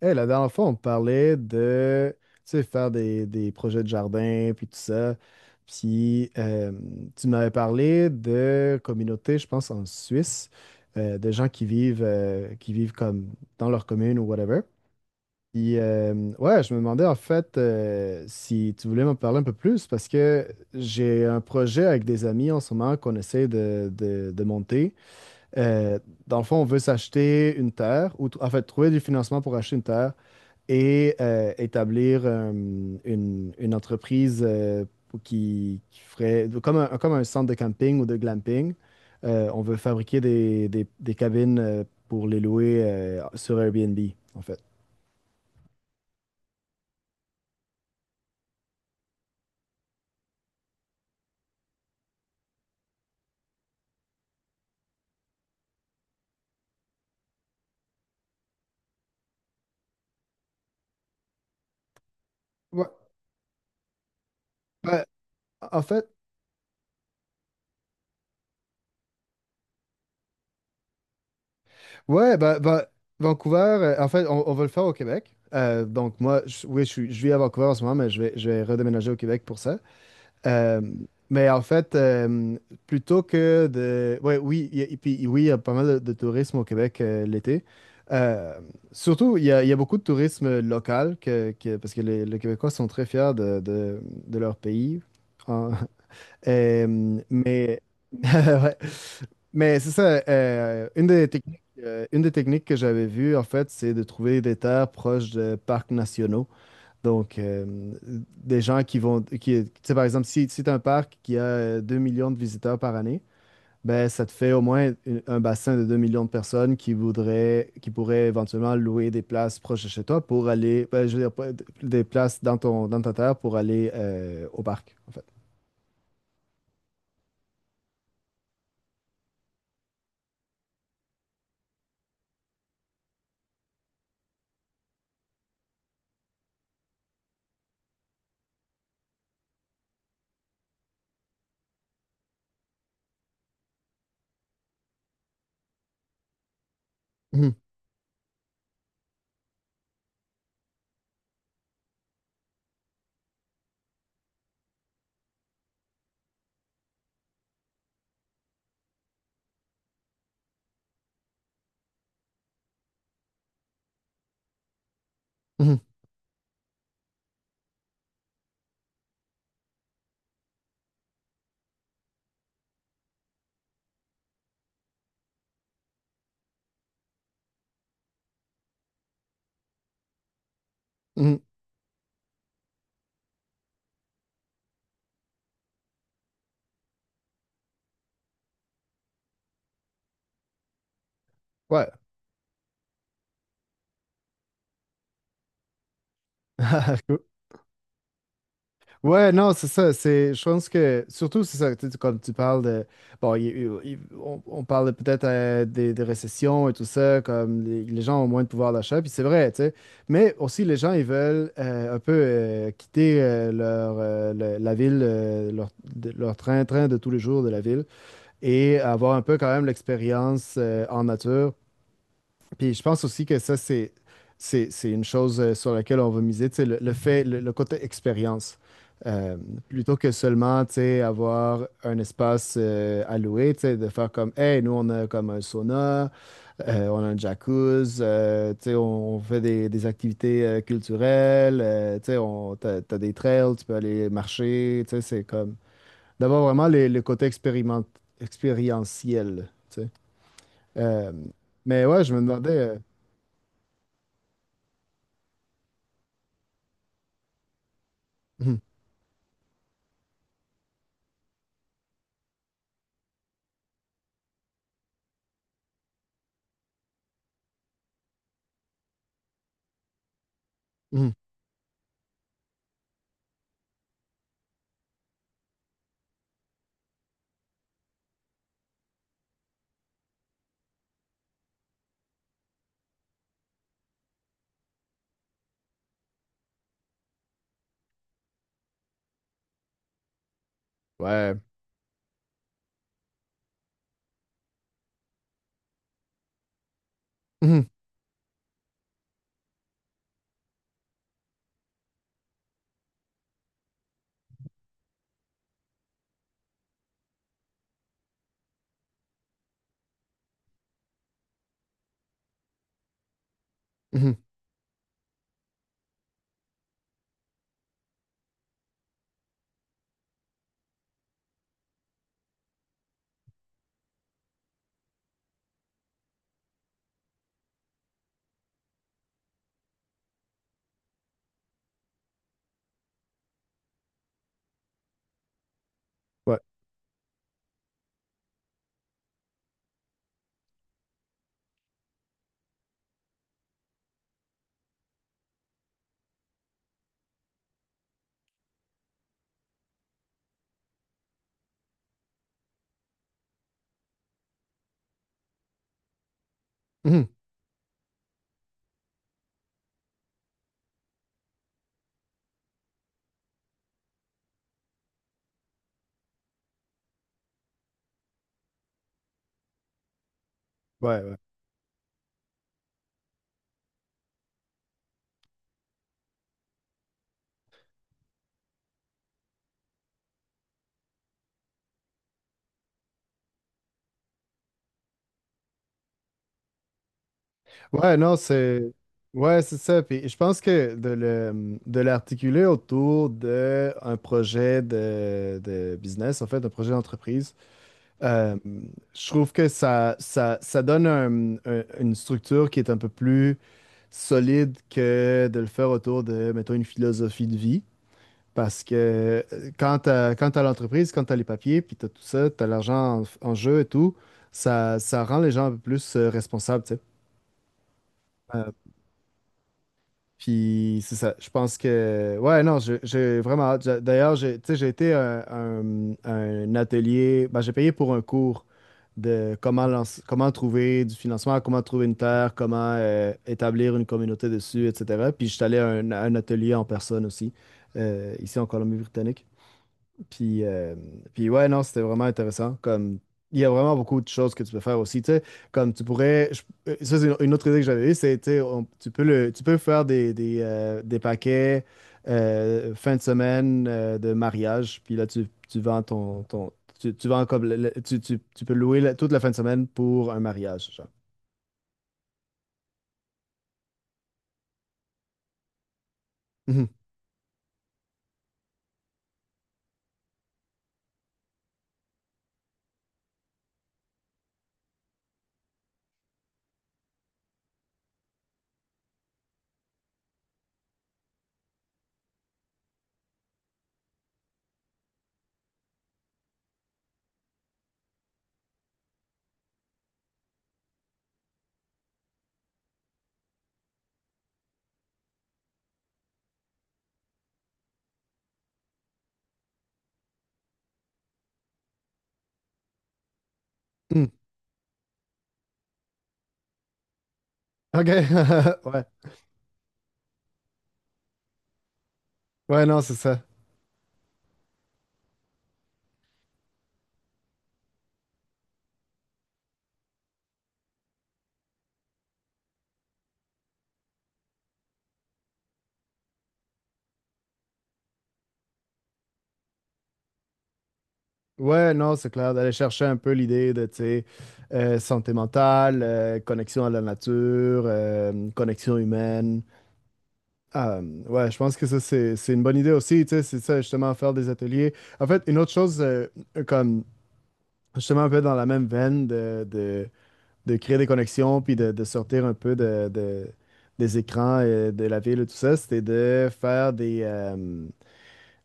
La dernière fois, on parlait de, tu sais, faire des projets de jardin, puis tout ça. Puis, euh, Tu m'avais parlé de communautés, je pense, en Suisse, de gens qui vivent comme dans leur commune ou whatever. Ouais, je me demandais en fait si tu voulais m'en parler un peu plus, parce que j'ai un projet avec des amis en ce moment qu'on essaie de monter. Euh, Dans le fond, on veut s'acheter une terre, en fait, trouver du financement pour acheter une terre et établir une entreprise qui ferait comme un centre de camping ou de glamping. On veut fabriquer des, des cabines pour les louer sur Airbnb, en fait. Ouais, ben, en fait, ouais, Vancouver, en fait, on va le faire au Québec. Donc, moi, oui, je vis à Vancouver en ce moment, mais je vais redéménager au Québec pour ça. Euh, mais en fait, plutôt que de... Ouais, oui, il y a, et puis oui, il y a pas mal de tourisme au Québec l'été. Euh, Surtout, il y a beaucoup de tourisme local, parce que les Québécois sont très fiers de, de leur pays. En- mais ouais. Mais c'est ça, une des techniques que j'avais vues, en fait, c'est de trouver des terres proches de parcs nationaux. Donc, euh, des gens qui vont, qui, tu sais, par exemple, si, si tu un parc qui a 2 millions de visiteurs par année, ben, ça te fait au moins un bassin de 2 millions de personnes qui voudraient, qui pourraient éventuellement louer des places proches de chez toi pour aller, ben, je veux dire, pas- des places dans ton, dans ta terre pour aller au parc, en fait. Mhm, mhm, mhm. Ouais. Ouais, non, c'est ça. C'est, je pense que, surtout, c'est ça, tu sais, comme tu parles de, bon, on parle de peut-être des récessions et tout ça, comme les gens ont moins de pouvoir d'achat, puis c'est vrai, tu sais. Mais aussi, les gens, ils veulent un peu quitter leur, la ville, leur, leur train-train de tous les jours de la ville et avoir un peu quand même l'expérience en nature. Puis je pense aussi que ça, c'est une chose sur laquelle on va miser, tu sais, le fait, le côté expérience. Euh, Plutôt que seulement, tu sais, avoir un espace alloué, tu sais, de faire comme, hey, nous, on a comme un sauna, on a un jacuzzi, tu sais, on fait des activités culturelles, tu sais, on, t'as, t'as des trails, tu peux aller marcher, tu sais, c'est comme d'avoir vraiment le côté expériment, expérientiel, tu sais. Euh, mais ouais, je me demandais... euh, Mmh. Ouais. Mmh. Mmh. Ouais. Mmh. Ouais, ouais. Ouais, non, c'est. Ouais, c'est ça. Puis je pense que de le, de l'articuler autour d'un projet de business, en fait, un projet d'entreprise, euh, je trouve que ça donne un- une structure qui est un peu plus solide que de le faire autour de, mettons, une philosophie de vie. Parce que quand t'as l'entreprise, quand tu as les papiers, puis tu as tout ça, tu as l'argent en, en jeu et tout, ça rend les gens un peu plus responsables, tu sais. Euh, Puis c'est ça, je pense que... Ouais, non, j'ai vraiment hâte. J'a- D'ailleurs, j'ai, tu sais, j'ai été à un atelier, ben, j'ai payé pour un cours de comment, lancer- comment trouver du financement, comment trouver une terre, comment établir une communauté dessus, etc. Puis je suis allé à un atelier en personne aussi, ici en Colombie-Britannique. Puis, euh, Puis ouais, non, c'était vraiment intéressant. Comme, il y a vraiment beaucoup de choses que tu peux faire aussi, tu sais, comme tu pourrais. Je- ça, c'est une autre idée que j'avais eue, c'est tu sais, on- tu peux le, tu peux faire des paquets fin de semaine de mariage. Puis là, tu vends ton, ton tu, tu vends comme tu, tu, tu peux louer la- toute la fin de semaine pour un mariage, genre. Mhm. Mhm. OK. Ouais. Ouais, non, c'est ça. Ouais, non, c'est clair, d'aller chercher un peu l'idée de, tu sais, santé mentale, connexion à la nature, connexion humaine. Ah, ouais, je pense que ça, c'est une bonne idée aussi, tu sais, c'est ça, justement, faire des ateliers. En fait, une autre chose, comme, justement, un peu dans la même veine de créer des connexions, puis de sortir un peu de, des écrans, de la ville et tout ça, c'était de faire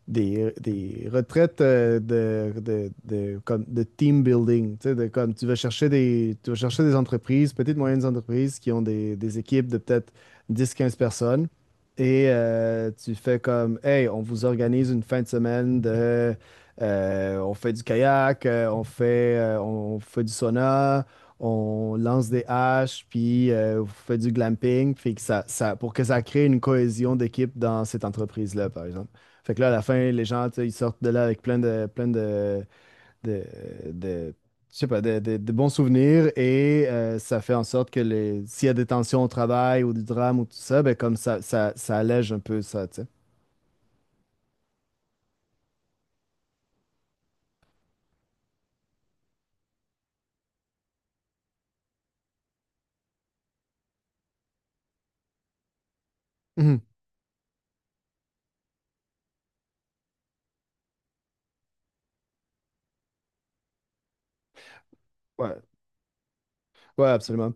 des retraites de, comme, de team building. Tu sais, de, comme tu vas chercher des, tu vas chercher des entreprises, petites, moyennes entreprises qui ont des équipes de peut-être 10 15 personnes. Et tu fais comme, hey, on vous organise une fin de semaine de, on fait du kayak, on fait du sauna, on lance des haches, puis on fait du glamping, puis que ça, pour que ça crée une cohésion d'équipe dans cette entreprise-là, par exemple. Fait que là, à la fin, les gens, tu sais, ils sortent de là avec plein de, de- je sais pas, de, de bons souvenirs et ça fait en sorte que les, s'il y a des tensions au travail ou du drame ou tout ça, ben comme ça allège un peu ça, tu sais. Mhm. Ouais, ouais, absolument.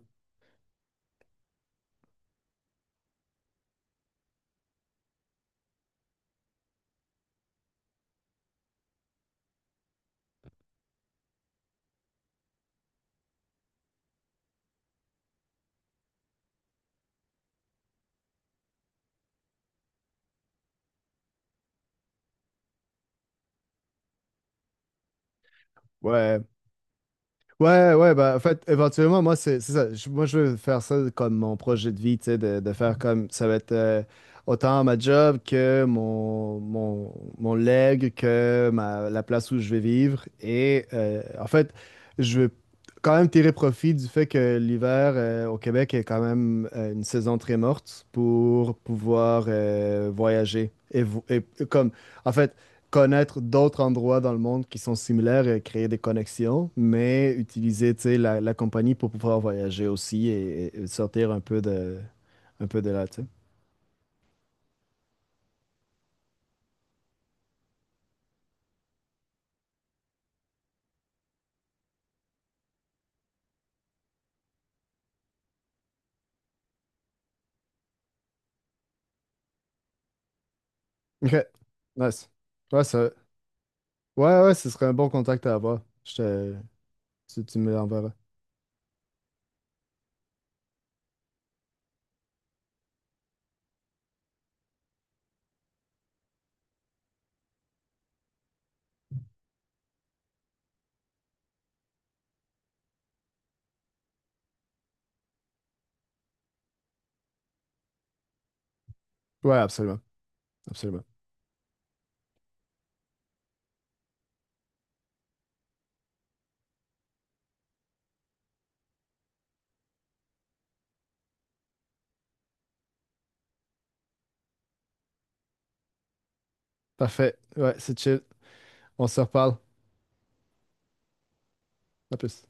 Ouais. Ouais, ouais, bah, en fait, éventuellement, moi, c'est ça. Je- moi, je veux faire ça comme mon projet de vie, tu sais, de faire comme ça va être autant ma job que mon leg, que ma, la place où je vais vivre. Et en fait, je veux quand même tirer profit du fait que l'hiver au Québec est quand même une saison très morte pour pouvoir voyager. Et, et comme, en fait, connaître d'autres endroits dans le monde qui sont similaires et créer des connexions, mais utiliser, tu sais, la compagnie pour pouvoir voyager aussi et sortir un peu de là, tu sais. OK. Nice. Ouais, ça, ouais, ouais, ce serait un bon contact à avoir. Je te, tu me l'enverras. Ouais, absolument. Absolument. Parfait. Ouais, c'est chill. On se reparle. À plus.